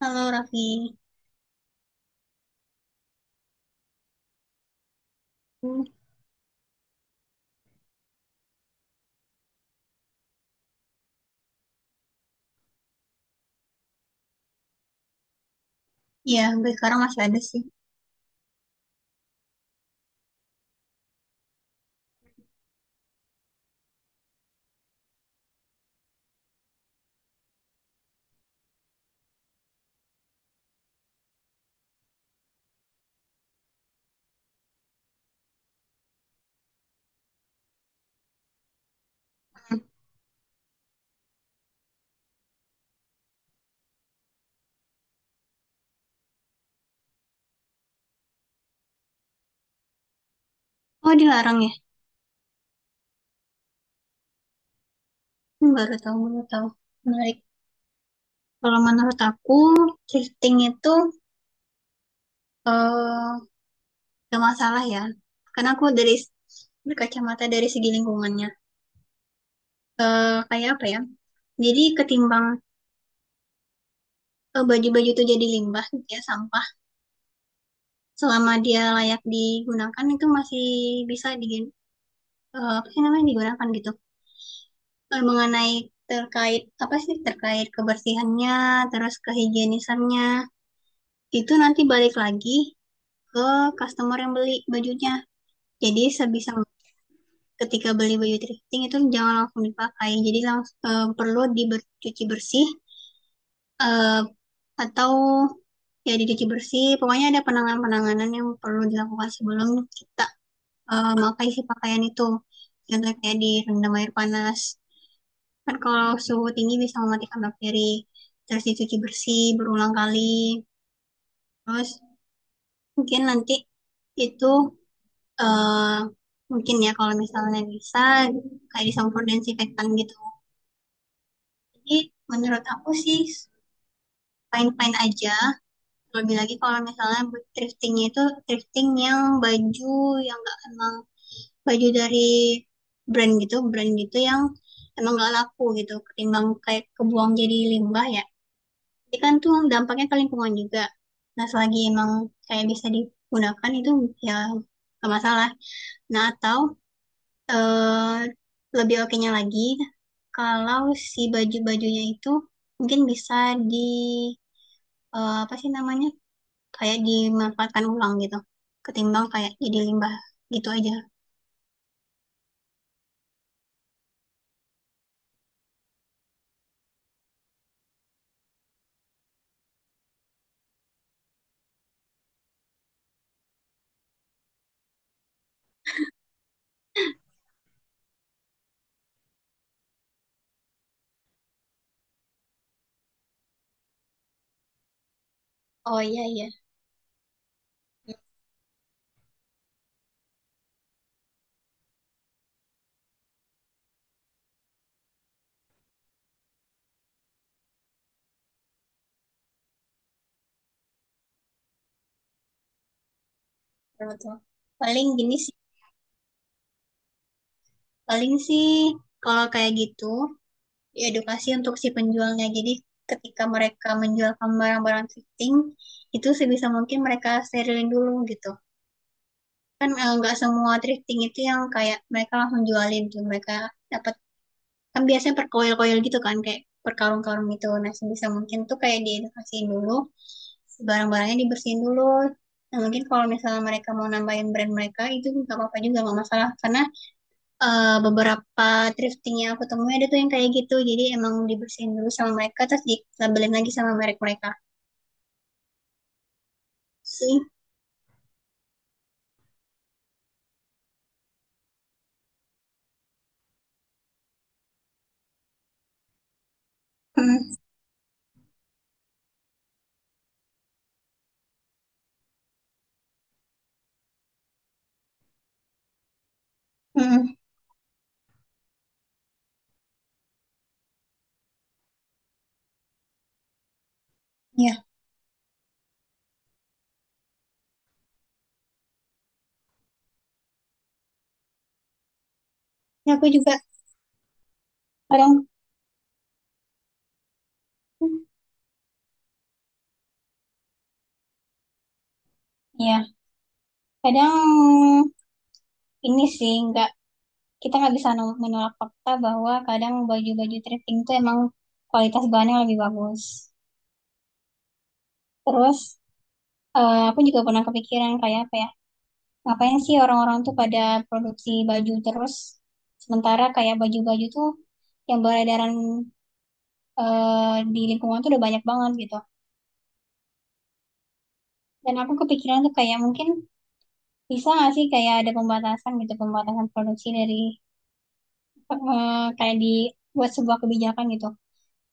Halo Raffi. Hmm, Ya, gue sekarang masih ada sih. Hmm. Oh, dilarang ya? Baru tahu, baru tahu. Menarik. Kalau menurut aku, thrifting itu eh gak masalah ya. Karena aku dari berkacamata dari segi lingkungannya. Kayak apa ya? Jadi ketimbang baju-baju itu jadi limbah gitu ya, sampah. Selama dia layak digunakan itu masih bisa apa sih namanya digunakan gitu. Mengenai terkait apa sih terkait kebersihannya terus kehigienisannya itu nanti balik lagi ke customer yang beli bajunya, jadi sebisa mungkin ketika beli baju thrifting itu jangan langsung dipakai, jadi langsung perlu dicuci bersih, eh, atau ya dicuci bersih, pokoknya ada penanganan-penanganan yang perlu dilakukan sebelum kita memakai si pakaian itu, contohnya kayak direndam air panas. Kan kalau suhu tinggi bisa mematikan bakteri. Terus dicuci bersih berulang kali. Terus mungkin nanti itu eh mungkin ya kalau misalnya bisa kayak disemprot disinfektan gitu. Jadi menurut aku sih fine-fine aja. Lebih lagi kalau misalnya buat thriftingnya itu thrifting yang baju yang nggak, emang baju dari brand gitu yang emang nggak laku gitu. Ketimbang kayak kebuang jadi limbah ya. Jadi kan tuh dampaknya ke lingkungan juga. Nah, selagi emang kayak bisa digunakan itu ya nggak masalah. Nah, atau eh, lebih oke-nya lagi, kalau si baju-bajunya itu mungkin bisa di, apa sih namanya, kayak dimanfaatkan ulang gitu, ketimbang kayak jadi limbah gitu aja. Oh iya iya, betul. Betul. Paling gini sih, paling sih kalau kayak gitu. Ya, edukasi untuk si penjualnya. Jadi ketika mereka menjualkan barang-barang thrifting, itu sebisa mungkin mereka sterilin dulu gitu. Kan nggak semua thrifting itu yang kayak mereka langsung jualin tuh. Mereka dapat kan biasanya per koil-koil gitu kan, kayak per karung-karung gitu. Nah, sebisa mungkin tuh kayak diedukasiin dulu. Si barang-barangnya dibersihin dulu. Nah, mungkin kalau misalnya mereka mau nambahin brand mereka itu nggak apa-apa, juga nggak masalah karena beberapa thrifting yang aku temuin ada tuh yang kayak gitu. Jadi emang dibersihin dulu sama mereka terus dilabelin lagi sama merek mereka sih. Hmm, hmm, ya. Ya, aku juga kadang, ya kadang ini sih nggak kita nggak bisa no- menolak fakta bahwa kadang baju-baju thrifting tuh emang kualitas bahannya lebih bagus. Terus aku juga pernah kepikiran kayak apa ya? Ngapain sih orang-orang tuh pada produksi baju terus sementara kayak baju-baju tuh yang beredaran di lingkungan tuh udah banyak banget gitu. Dan aku kepikiran tuh kayak mungkin bisa nggak sih kayak ada pembatasan gitu, pembatasan produksi dari, kayak di buat sebuah kebijakan gitu.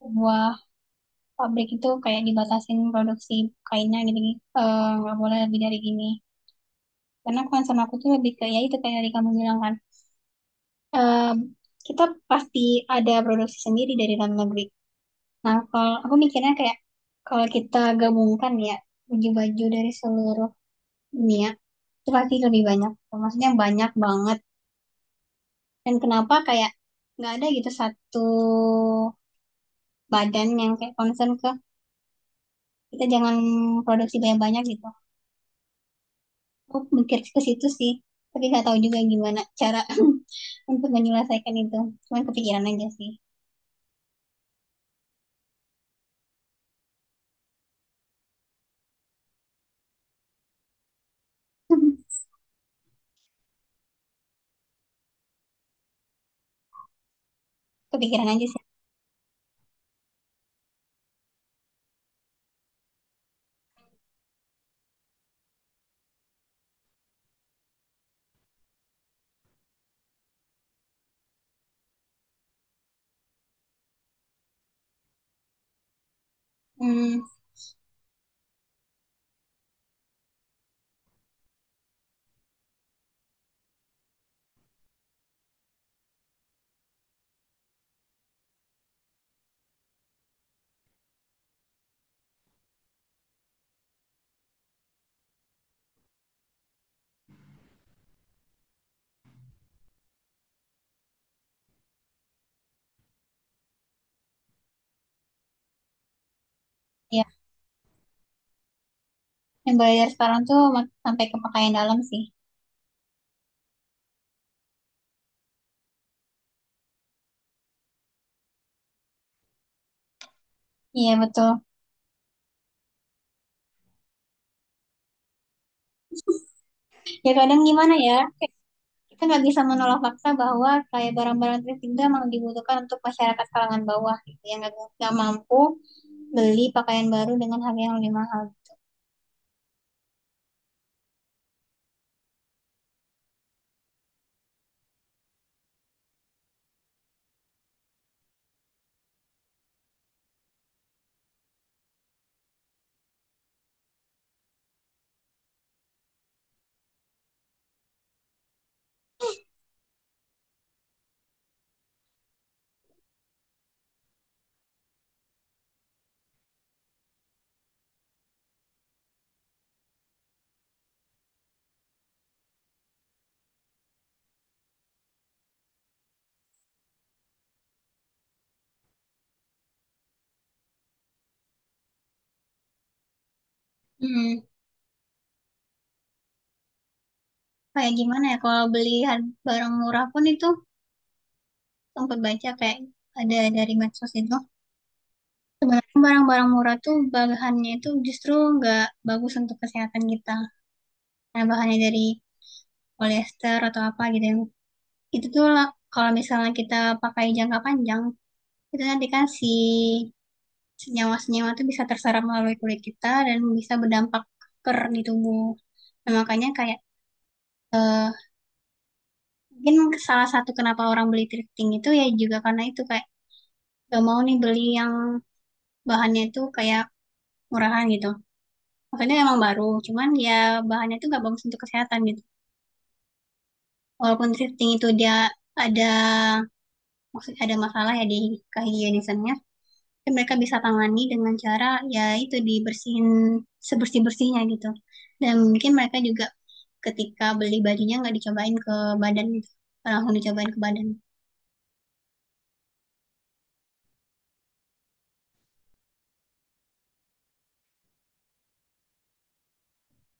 Sebuah pabrik itu kayak dibatasin produksi kainnya gitu, gitu. Eh, nggak boleh lebih dari gini. Karena concern aku tuh lebih ke ya itu kayak dari kamu bilang kan. Eh, Kita pasti ada produksi sendiri dari dalam negeri. Nah, kalau aku mikirnya kayak kalau kita gabungkan ya baju-baju dari seluruh dunia itu pasti lebih banyak, maksudnya banyak banget, dan kenapa kayak nggak ada gitu satu badan yang kayak concern ke kita jangan produksi banyak-banyak gitu. Aku mikir ke situ sih, tapi nggak tahu juga gimana cara untuk menyelesaikan itu, cuman kepikiran aja sih. Kepikiran aja sih. Hmm, ya, yang bayar sekarang tuh mak- sampai ke pakaian dalam sih. Iya betul. Ya kadang gimana ya, kita nggak bisa menolak fakta bahwa kayak barang-barang tertinggal memang dibutuhkan untuk masyarakat kalangan bawah gitu yang nggak mampu beli pakaian baru dengan harga yang lebih mahal. Hmm, kayak gimana ya kalau beli har- barang murah pun itu, sempat baca kayak ada dari medsos itu sebenarnya barang-barang murah tuh bahannya itu justru nggak bagus untuk kesehatan kita. Nah, bahannya dari polyester atau apa gitu yang itu tuh lah, kalau misalnya kita pakai jangka panjang itu nanti kan si senyawa-senyawa itu bisa terserap melalui kulit kita dan bisa berdampak ker di tubuh. Nah, makanya kayak mungkin salah satu kenapa orang beli thrifting itu ya juga karena itu, kayak gak mau nih beli yang bahannya itu kayak murahan gitu. Makanya emang baru, cuman ya bahannya itu gak bagus untuk kesehatan gitu. Walaupun thrifting itu dia ada, maksudnya ada masalah ya di kehigienisannya, tapi mereka bisa tangani dengan cara ya itu dibersihin sebersih-bersihnya gitu. Dan mungkin mereka juga ketika beli bajunya nggak dicobain ke badan gitu. Langsung dicobain ke badan.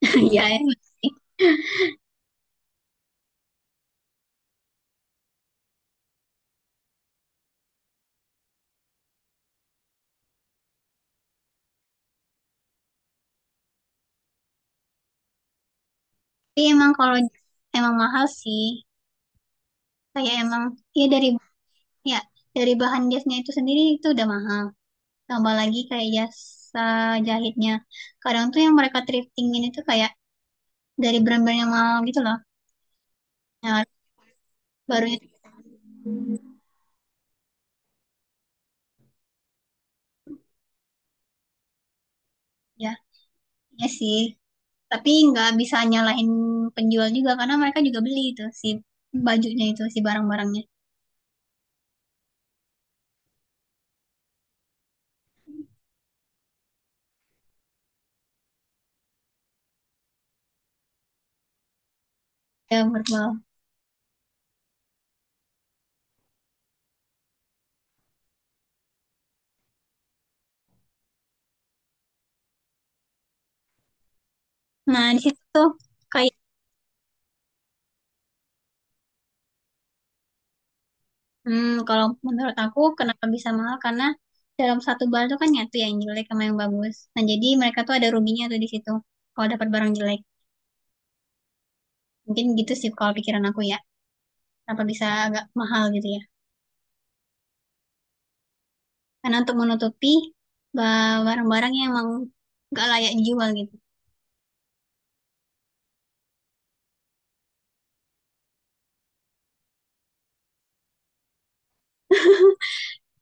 Ya emang sih. Tapi emang kalau emang mahal sih. Kayak emang ya dari, ya dari bahan jasnya itu sendiri itu udah mahal. Tambah lagi kayak jasa jahitnya. Kadang tuh yang mereka thriftingin itu kayak dari brand-brand yang mahal gitu loh. Nah, barunya, ya, ya sih. Tapi nggak bisa nyalahin penjual juga karena mereka juga beli itu si bajunya itu si barang-barangnya, ya verbal. Nah di situ tuh kayak, hmm, kalau menurut aku kenapa bisa mahal karena dalam satu bar itu kan nyatu ya yang jelek sama yang bagus. Nah jadi mereka tuh ada ruginya tuh di situ kalau dapat barang jelek. Mungkin gitu sih kalau pikiran aku ya. Kenapa bisa agak mahal gitu ya? Karena untuk menutupi ba- barang-barang yang emang nggak layak dijual gitu.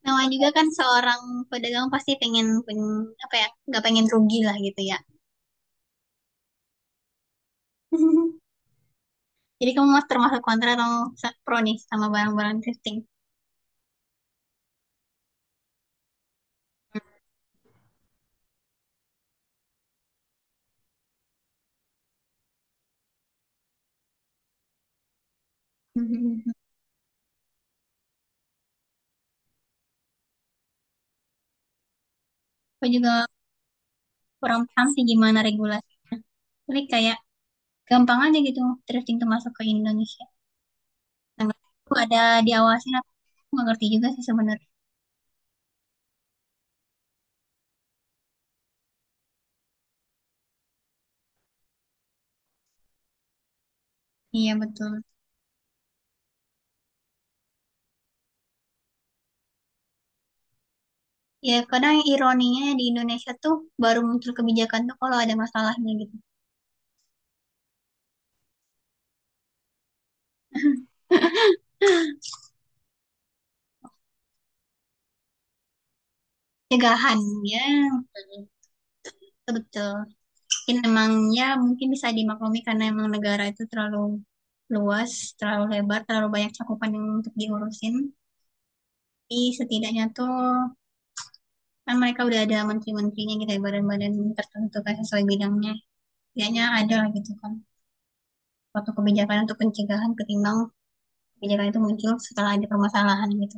Namanya juga kan seorang pedagang pasti pengen, pengen apa ya, nggak pengen rugi lah gitu ya. Jadi kamu mas termasuk kontra atau sa- pro nih sama barang-barang thrifting. Aku juga kurang paham sih gimana regulasi. Tapi kayak gampang aja gitu thrifting termasuk ke Indonesia. Nah, itu ada diawasin apa? Aku nggak ngerti juga sih sebenarnya. Iya betul. Ya kadang ironinya di Indonesia tuh baru muncul kebijakan tuh kalau ada masalahnya gitu. Cegahan, ya betul. Betul. Mungkin emang ya mungkin bisa dimaklumi karena emang negara itu terlalu luas, terlalu lebar, terlalu banyak cakupan yang untuk diurusin. Tapi setidaknya tuh kan mereka udah ada menteri-menterinya gitu ya, badan-badan tertentu kan sesuai bidangnya. Setidaknya ada lah gitu kan. Suatu kebijakan untuk pencegahan ketimbang kebijakan itu muncul setelah ada permasalahan gitu.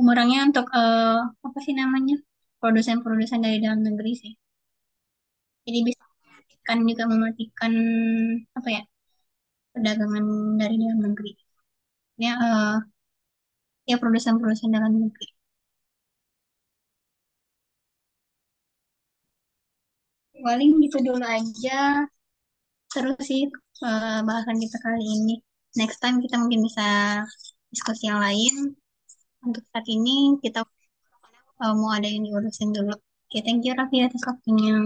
Umurnya untuk apa sih namanya? Produsen-produsen dari dalam negeri sih. Jadi bisa mematikan juga, mematikan apa ya, perdagangan dari dalam negeri. Ya ya produsen-produsen dalam negeri. Paling gitu dulu aja terus sih, bahasan kita kali ini. Next time kita mungkin bisa diskusi yang lain. Untuk saat ini kita mau ada yang diurusin dulu. Oke, okay, thank you Raffi atas waktunya.